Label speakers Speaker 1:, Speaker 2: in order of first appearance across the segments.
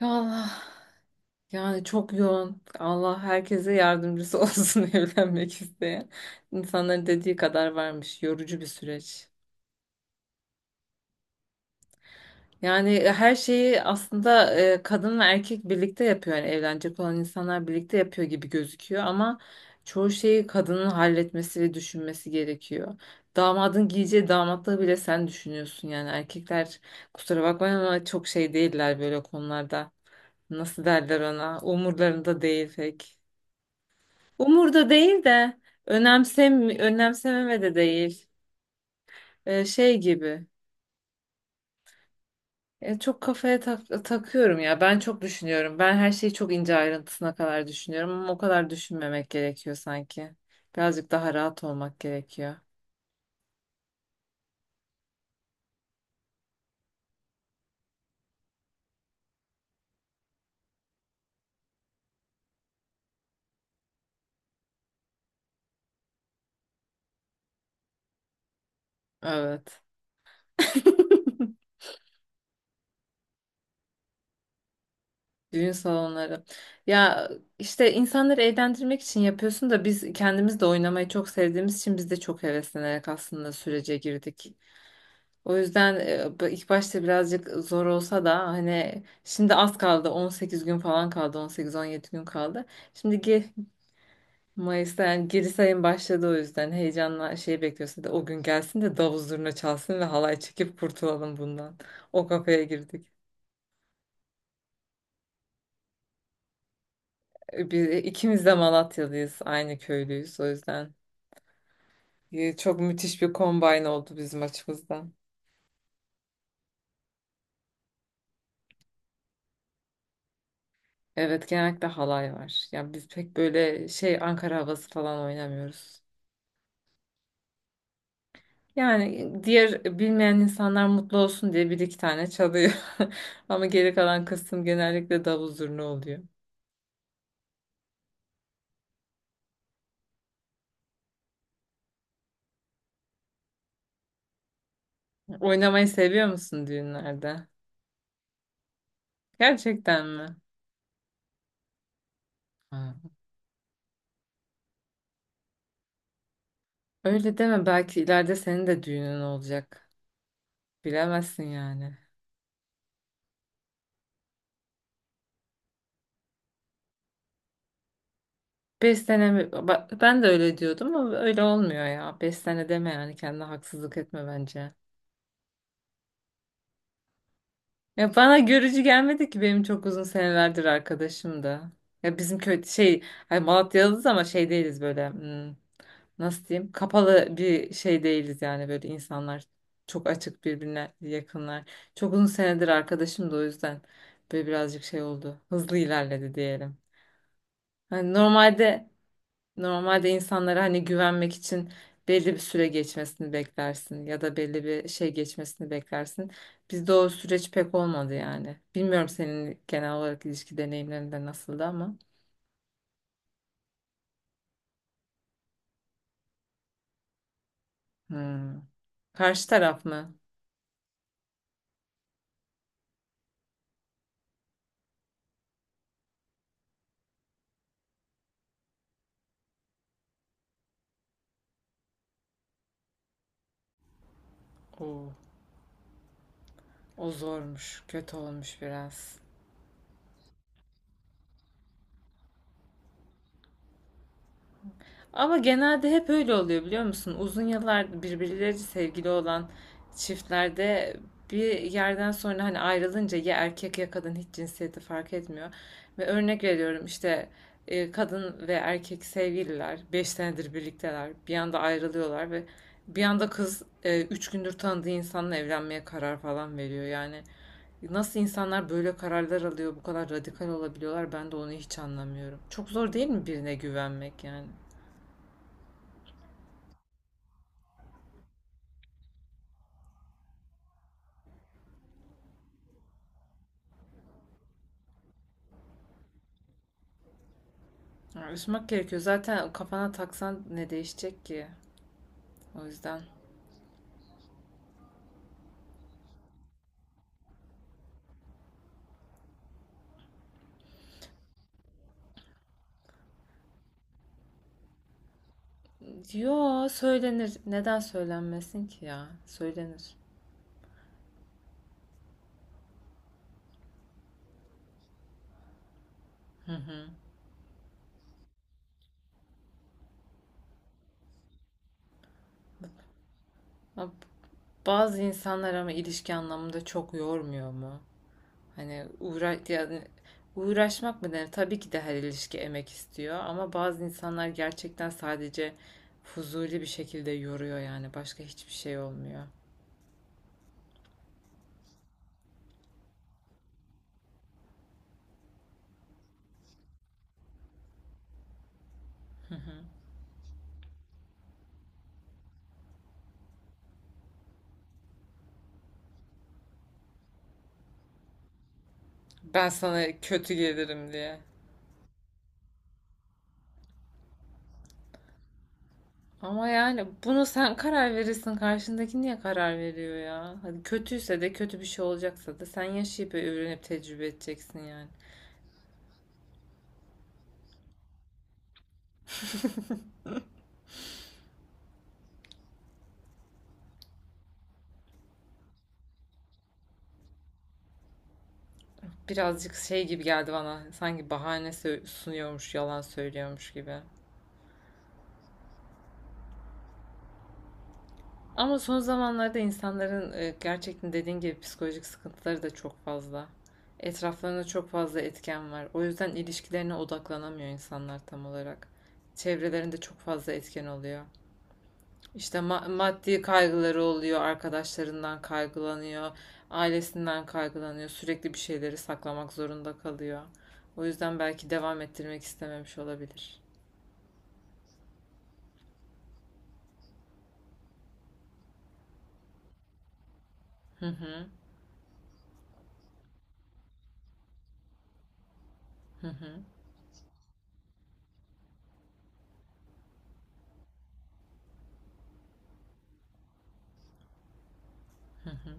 Speaker 1: Ya Allah yani çok yoğun. Allah herkese yardımcısı olsun evlenmek isteyen. İnsanların dediği kadar varmış. Yorucu bir süreç. Yani her şeyi aslında kadın ve erkek birlikte yapıyor. Yani evlenecek olan insanlar birlikte yapıyor gibi gözüküyor ama çoğu şeyi kadının halletmesi ve düşünmesi gerekiyor. Damadın giyeceği damatlığı bile sen düşünüyorsun yani. Erkekler kusura bakmayın ama çok şey değiller böyle konularda. Nasıl derler ona? Umurlarında değil pek. Umurda değil de önemsem önemsememe de değil. Şey gibi. Çok kafaya takıyorum ya. Ben çok düşünüyorum. Ben her şeyi çok ince ayrıntısına kadar düşünüyorum ama o kadar düşünmemek gerekiyor sanki. Birazcık daha rahat olmak gerekiyor. Evet. Düğün salonları. Ya işte insanları eğlendirmek için yapıyorsun da biz kendimiz de oynamayı çok sevdiğimiz için biz de çok heveslenerek aslında sürece girdik. O yüzden ilk başta birazcık zor olsa da hani şimdi az kaldı, 18 gün falan kaldı, 18-17 gün kaldı. Şimdi gi- Mayıs'ta yani geri sayım başladı, o yüzden heyecanla şey bekliyorsa da o gün gelsin de davul zurna çalsın ve halay çekip kurtulalım bundan. O kafaya girdik. Biz ikimiz de Malatyalıyız, aynı köylüyüz, o yüzden çok müthiş bir kombine oldu bizim açımızdan. Evet, genellikle halay var. Ya biz pek böyle şey Ankara havası falan oynamıyoruz. Yani diğer bilmeyen insanlar mutlu olsun diye bir iki tane çalıyor. Ama geri kalan kısım genellikle davul zurna oluyor. Oynamayı seviyor musun düğünlerde? Gerçekten mi? Ha. Öyle deme, belki ileride senin de düğünün olacak. Bilemezsin yani. Beş sene mi? Ben de öyle diyordum ama öyle olmuyor ya. Beş sene deme yani, kendine haksızlık etme bence. Ya bana görücü gelmedi ki, benim çok uzun senelerdir arkadaşım da. Ya bizim köy şey, hani Malatyalıyız ama şey değiliz böyle, nasıl diyeyim, kapalı bir şey değiliz yani, böyle insanlar çok açık, birbirine yakınlar. Çok uzun senedir arkadaşım da, o yüzden böyle birazcık şey oldu, hızlı ilerledi diyelim. Hani normalde insanlara hani güvenmek için belli bir süre geçmesini beklersin ya da belli bir şey geçmesini beklersin. Bizde o süreç pek olmadı yani. Bilmiyorum, senin genel olarak ilişki deneyimlerinde nasıldı ama. Hmm. Karşı taraf mı? Oo, o zormuş, kötü olmuş biraz. Ama genelde hep öyle oluyor, biliyor musun? Uzun yıllar birbirleriyle sevgili olan çiftlerde bir yerden sonra hani ayrılınca ya erkek ya kadın, hiç cinsiyeti fark etmiyor. Ve örnek veriyorum, işte kadın ve erkek sevgililer 5 senedir birlikteler. Bir anda ayrılıyorlar ve bir anda kız 3 gündür tanıdığı insanla evlenmeye karar falan veriyor. Yani nasıl insanlar böyle kararlar alıyor, bu kadar radikal olabiliyorlar, ben de onu hiç anlamıyorum. Çok zor değil mi birine güvenmek yani? Ha, üzmek gerekiyor. Zaten kafana taksan ne değişecek ki? O yüzden. Yo, söylenir. Neden söylenmesin ki ya? Söylenir. Hı hı. Ama Bazı insanlar ama ilişki anlamında çok yormuyor mu? Hani yani uğraşmak mı denir? Tabii ki de her ilişki emek istiyor ama bazı insanlar gerçekten sadece fuzuli bir şekilde yoruyor yani. Başka hiçbir şey olmuyor. Hı hı. Ben sana kötü gelirim diye. Ama yani bunu sen karar verirsin. Karşındaki niye karar veriyor ya? Hadi kötüyse de, kötü bir şey olacaksa da sen yaşayıp öğrenip tecrübe edeceksin yani. Birazcık şey gibi geldi bana. Sanki bahane sunuyormuş, yalan söylüyormuş gibi. Ama son zamanlarda insanların gerçekten dediğin gibi psikolojik sıkıntıları da çok fazla. Etraflarında çok fazla etken var. O yüzden ilişkilerine odaklanamıyor insanlar tam olarak. Çevrelerinde çok fazla etken oluyor. İşte maddi kaygıları oluyor, arkadaşlarından kaygılanıyor, ailesinden kaygılanıyor. Sürekli bir şeyleri saklamak zorunda kalıyor. O yüzden belki devam ettirmek istememiş olabilir. Hı hı, hı hı, hı hı.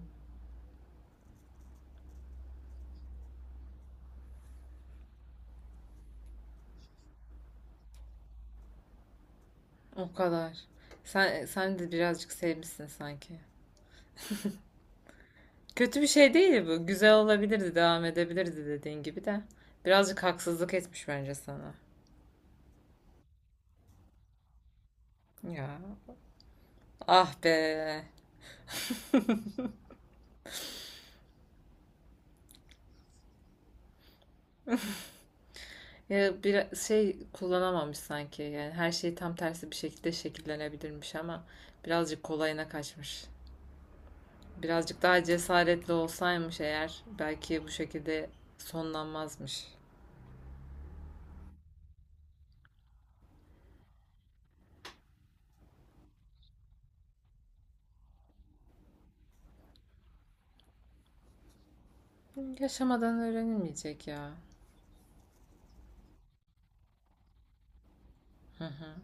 Speaker 1: O kadar. Sen de birazcık sevmişsin sanki. Kötü bir şey değil bu. Güzel olabilirdi, devam edebilirdi dediğin gibi de. Birazcık haksızlık etmiş bence sana. Ya, ah be. Ya bir şey kullanamamış sanki. Yani her şey tam tersi bir şekilde şekillenebilirmiş ama birazcık kolayına kaçmış. Birazcık daha cesaretli olsaymış eğer, belki bu şekilde sonlanmazmış. Yaşamadan öğrenilmeyecek ya. Hı hı.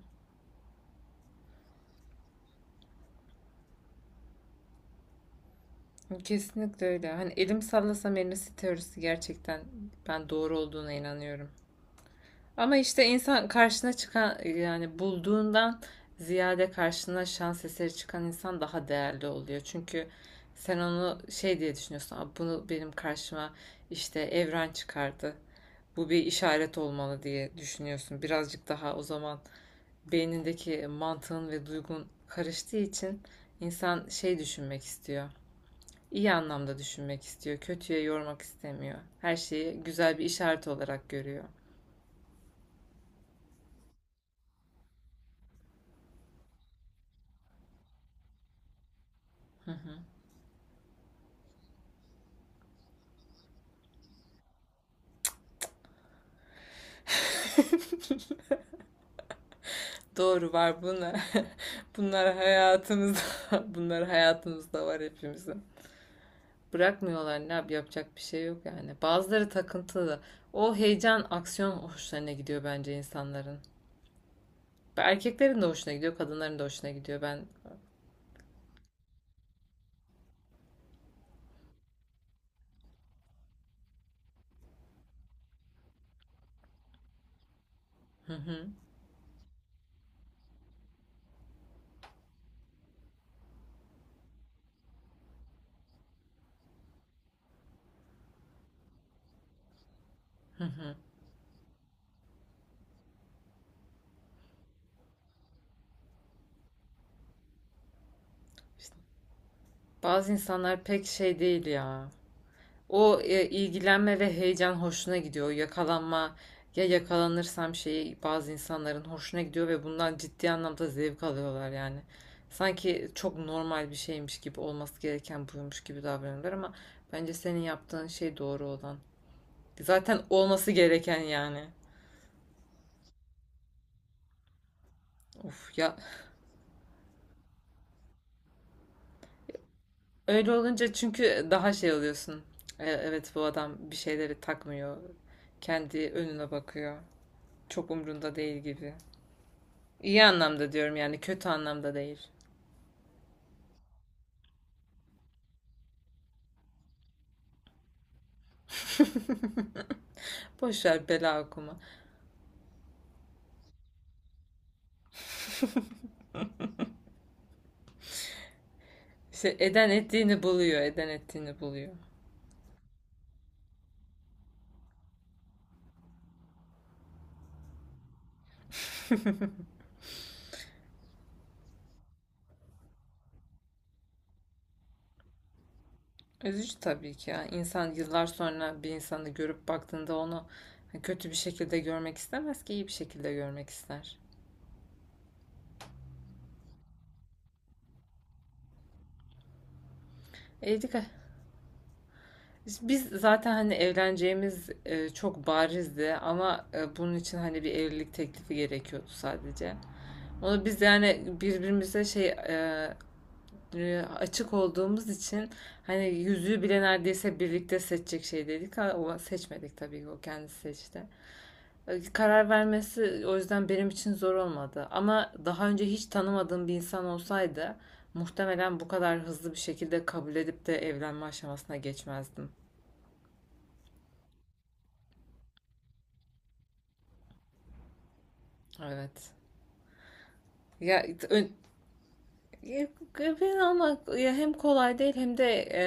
Speaker 1: Kesinlikle öyle. Hani elim sallasam elmesi teorisi, gerçekten ben doğru olduğuna inanıyorum. Ama işte insan karşına çıkan, yani bulduğundan ziyade karşına şans eseri çıkan insan daha değerli oluyor. Çünkü sen onu şey diye düşünüyorsun. "Aa, bunu benim karşıma işte evren çıkardı. Bu bir işaret olmalı," diye düşünüyorsun. Birazcık daha o zaman beynindeki mantığın ve duygun karıştığı için insan şey düşünmek istiyor. İyi anlamda düşünmek istiyor. Kötüye yormak istemiyor. Her şeyi güzel bir işaret olarak görüyor. Hı hı. Doğru var bunlar. Bunlar hayatımızda, bunlar hayatımızda var hepimizin. Bırakmıyorlar, ne yapacak bir şey yok yani. Bazıları takıntılı. O heyecan, aksiyon hoşlarına gidiyor bence insanların. Erkeklerin de hoşuna gidiyor, kadınların da hoşuna gidiyor. Ben hı hı hı hı. İşte bazı insanlar pek şey değil ya. O ilgilenme ve heyecan hoşuna gidiyor. Yakalanma, ya yakalanırsam şeyi bazı insanların hoşuna gidiyor ve bundan ciddi anlamda zevk alıyorlar yani. Sanki çok normal bir şeymiş gibi, olması gereken buymuş gibi davranıyorlar ama bence senin yaptığın şey doğru olan. Zaten olması gereken yani. Of ya, öyle olunca çünkü daha şey oluyorsun. Evet bu adam bir şeyleri takmıyor. Kendi önüne bakıyor. Çok umrunda değil gibi. İyi anlamda diyorum yani, kötü anlamda değil. Boş ver, bela okuma. İşte eden ettiğini buluyor, eden ettiğini buluyor. Üzücü tabii ki ya. İnsan yıllar sonra bir insanı görüp baktığında onu kötü bir şekilde görmek istemez ki, iyi bir şekilde görmek ister. E, dikkat- Biz zaten hani evleneceğimiz çok barizdi ama bunun için hani bir evlilik teklifi gerekiyordu sadece. Onu biz yani birbirimize şey açık olduğumuz için hani yüzüğü bile neredeyse birlikte seçecek şey dedik ama seçmedik tabii ki, o kendisi seçti. Karar vermesi o yüzden benim için zor olmadı. Ama daha önce hiç tanımadığım bir insan olsaydı muhtemelen bu kadar hızlı bir şekilde kabul edip de evlenme aşamasına geçmezdim. Evet. Ya Ya, evini almak ya hem kolay değil hem de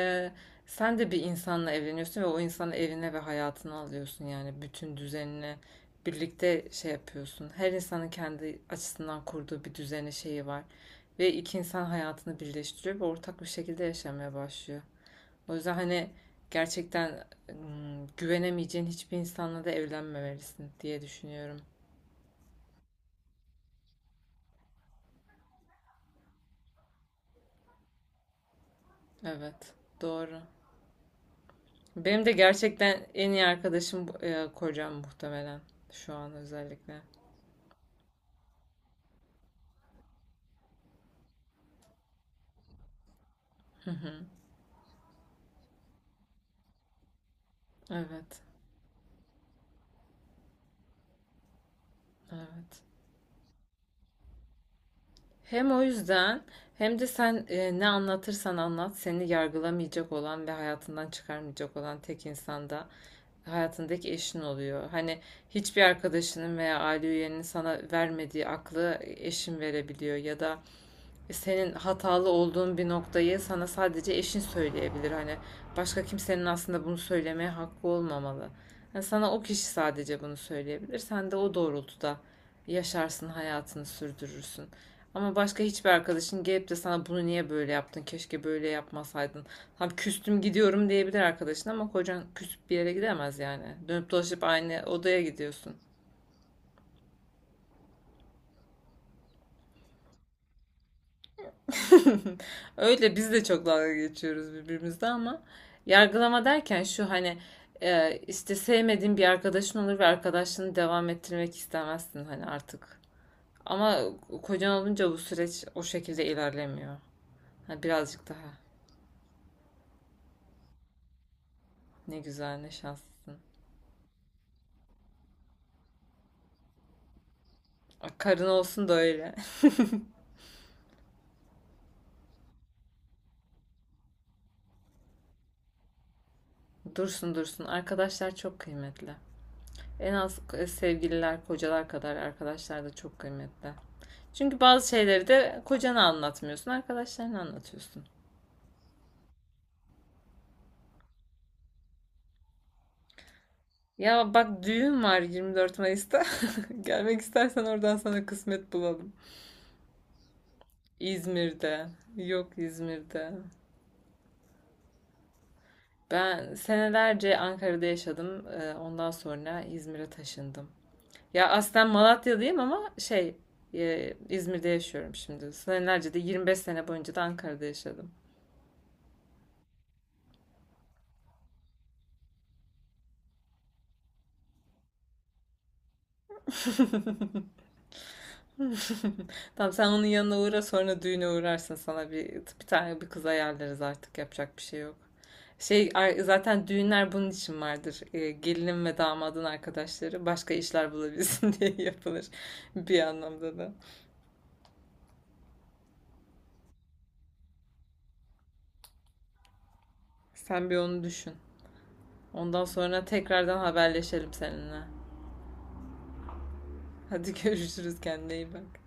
Speaker 1: sen de bir insanla evleniyorsun ve o insanı evine ve hayatına alıyorsun yani bütün düzenini birlikte şey yapıyorsun. Her insanın kendi açısından kurduğu bir düzeni şeyi var ve iki insan hayatını birleştiriyor ve ortak bir şekilde yaşamaya başlıyor. O yüzden hani gerçekten güvenemeyeceğin hiçbir insanla da evlenmemelisin diye düşünüyorum. Evet, doğru. Benim de gerçekten en iyi arkadaşım kocam muhtemelen şu an özellikle. Hı hı. Evet, evet. Hem o yüzden hem de sen ne anlatırsan anlat seni yargılamayacak olan ve hayatından çıkarmayacak olan tek insan da hayatındaki eşin oluyor. Hani hiçbir arkadaşının veya aile üyenin sana vermediği aklı eşin verebiliyor ya da senin hatalı olduğun bir noktayı sana sadece eşin söyleyebilir. Hani başka kimsenin aslında bunu söylemeye hakkı olmamalı. Yani sana o kişi sadece bunu söyleyebilir. Sen de o doğrultuda yaşarsın, hayatını sürdürürsün. Ama başka hiçbir arkadaşın gelip de sana bunu niye böyle yaptın, keşke böyle yapmasaydın. Tam küstüm gidiyorum diyebilir arkadaşın ama kocan küsüp bir yere gidemez yani. Dönüp dolaşıp aynı odaya gidiyorsun. Öyle biz de çok dalga geçiyoruz birbirimizle, ama yargılama derken şu hani işte sevmediğin bir arkadaşın olur ve arkadaşlığını devam ettirmek istemezsin hani artık. Ama kocan olunca bu süreç o şekilde ilerlemiyor. Ha, birazcık daha. Ne güzel, ne şanslısın. Karın olsun da öyle. Dursun dursun. Arkadaşlar çok kıymetli. En az sevgililer, kocalar kadar arkadaşlar da çok kıymetli. Çünkü bazı şeyleri de kocana anlatmıyorsun, arkadaşlarına anlatıyorsun. Ya bak, düğün var 24 Mayıs'ta. Gelmek istersen oradan sana kısmet bulalım. İzmir'de. Yok, İzmir'de. Ben senelerce Ankara'da yaşadım. Ondan sonra İzmir'e taşındım. Ya aslen Malatya'dayım ama şey İzmir'de yaşıyorum şimdi. Senelerce de, 25 sene boyunca da Ankara'da yaşadım. Tamam, sen onun yanına uğra, sonra düğüne uğrarsın, sana bir tane bir kız ayarlarız artık, yapacak bir şey yok. Şey zaten düğünler bunun için vardır. Gelinin ve damadın arkadaşları başka işler bulabilsin diye yapılır bir anlamda da. Sen bir onu düşün. Ondan sonra tekrardan haberleşelim seninle. Hadi görüşürüz, kendine iyi bak.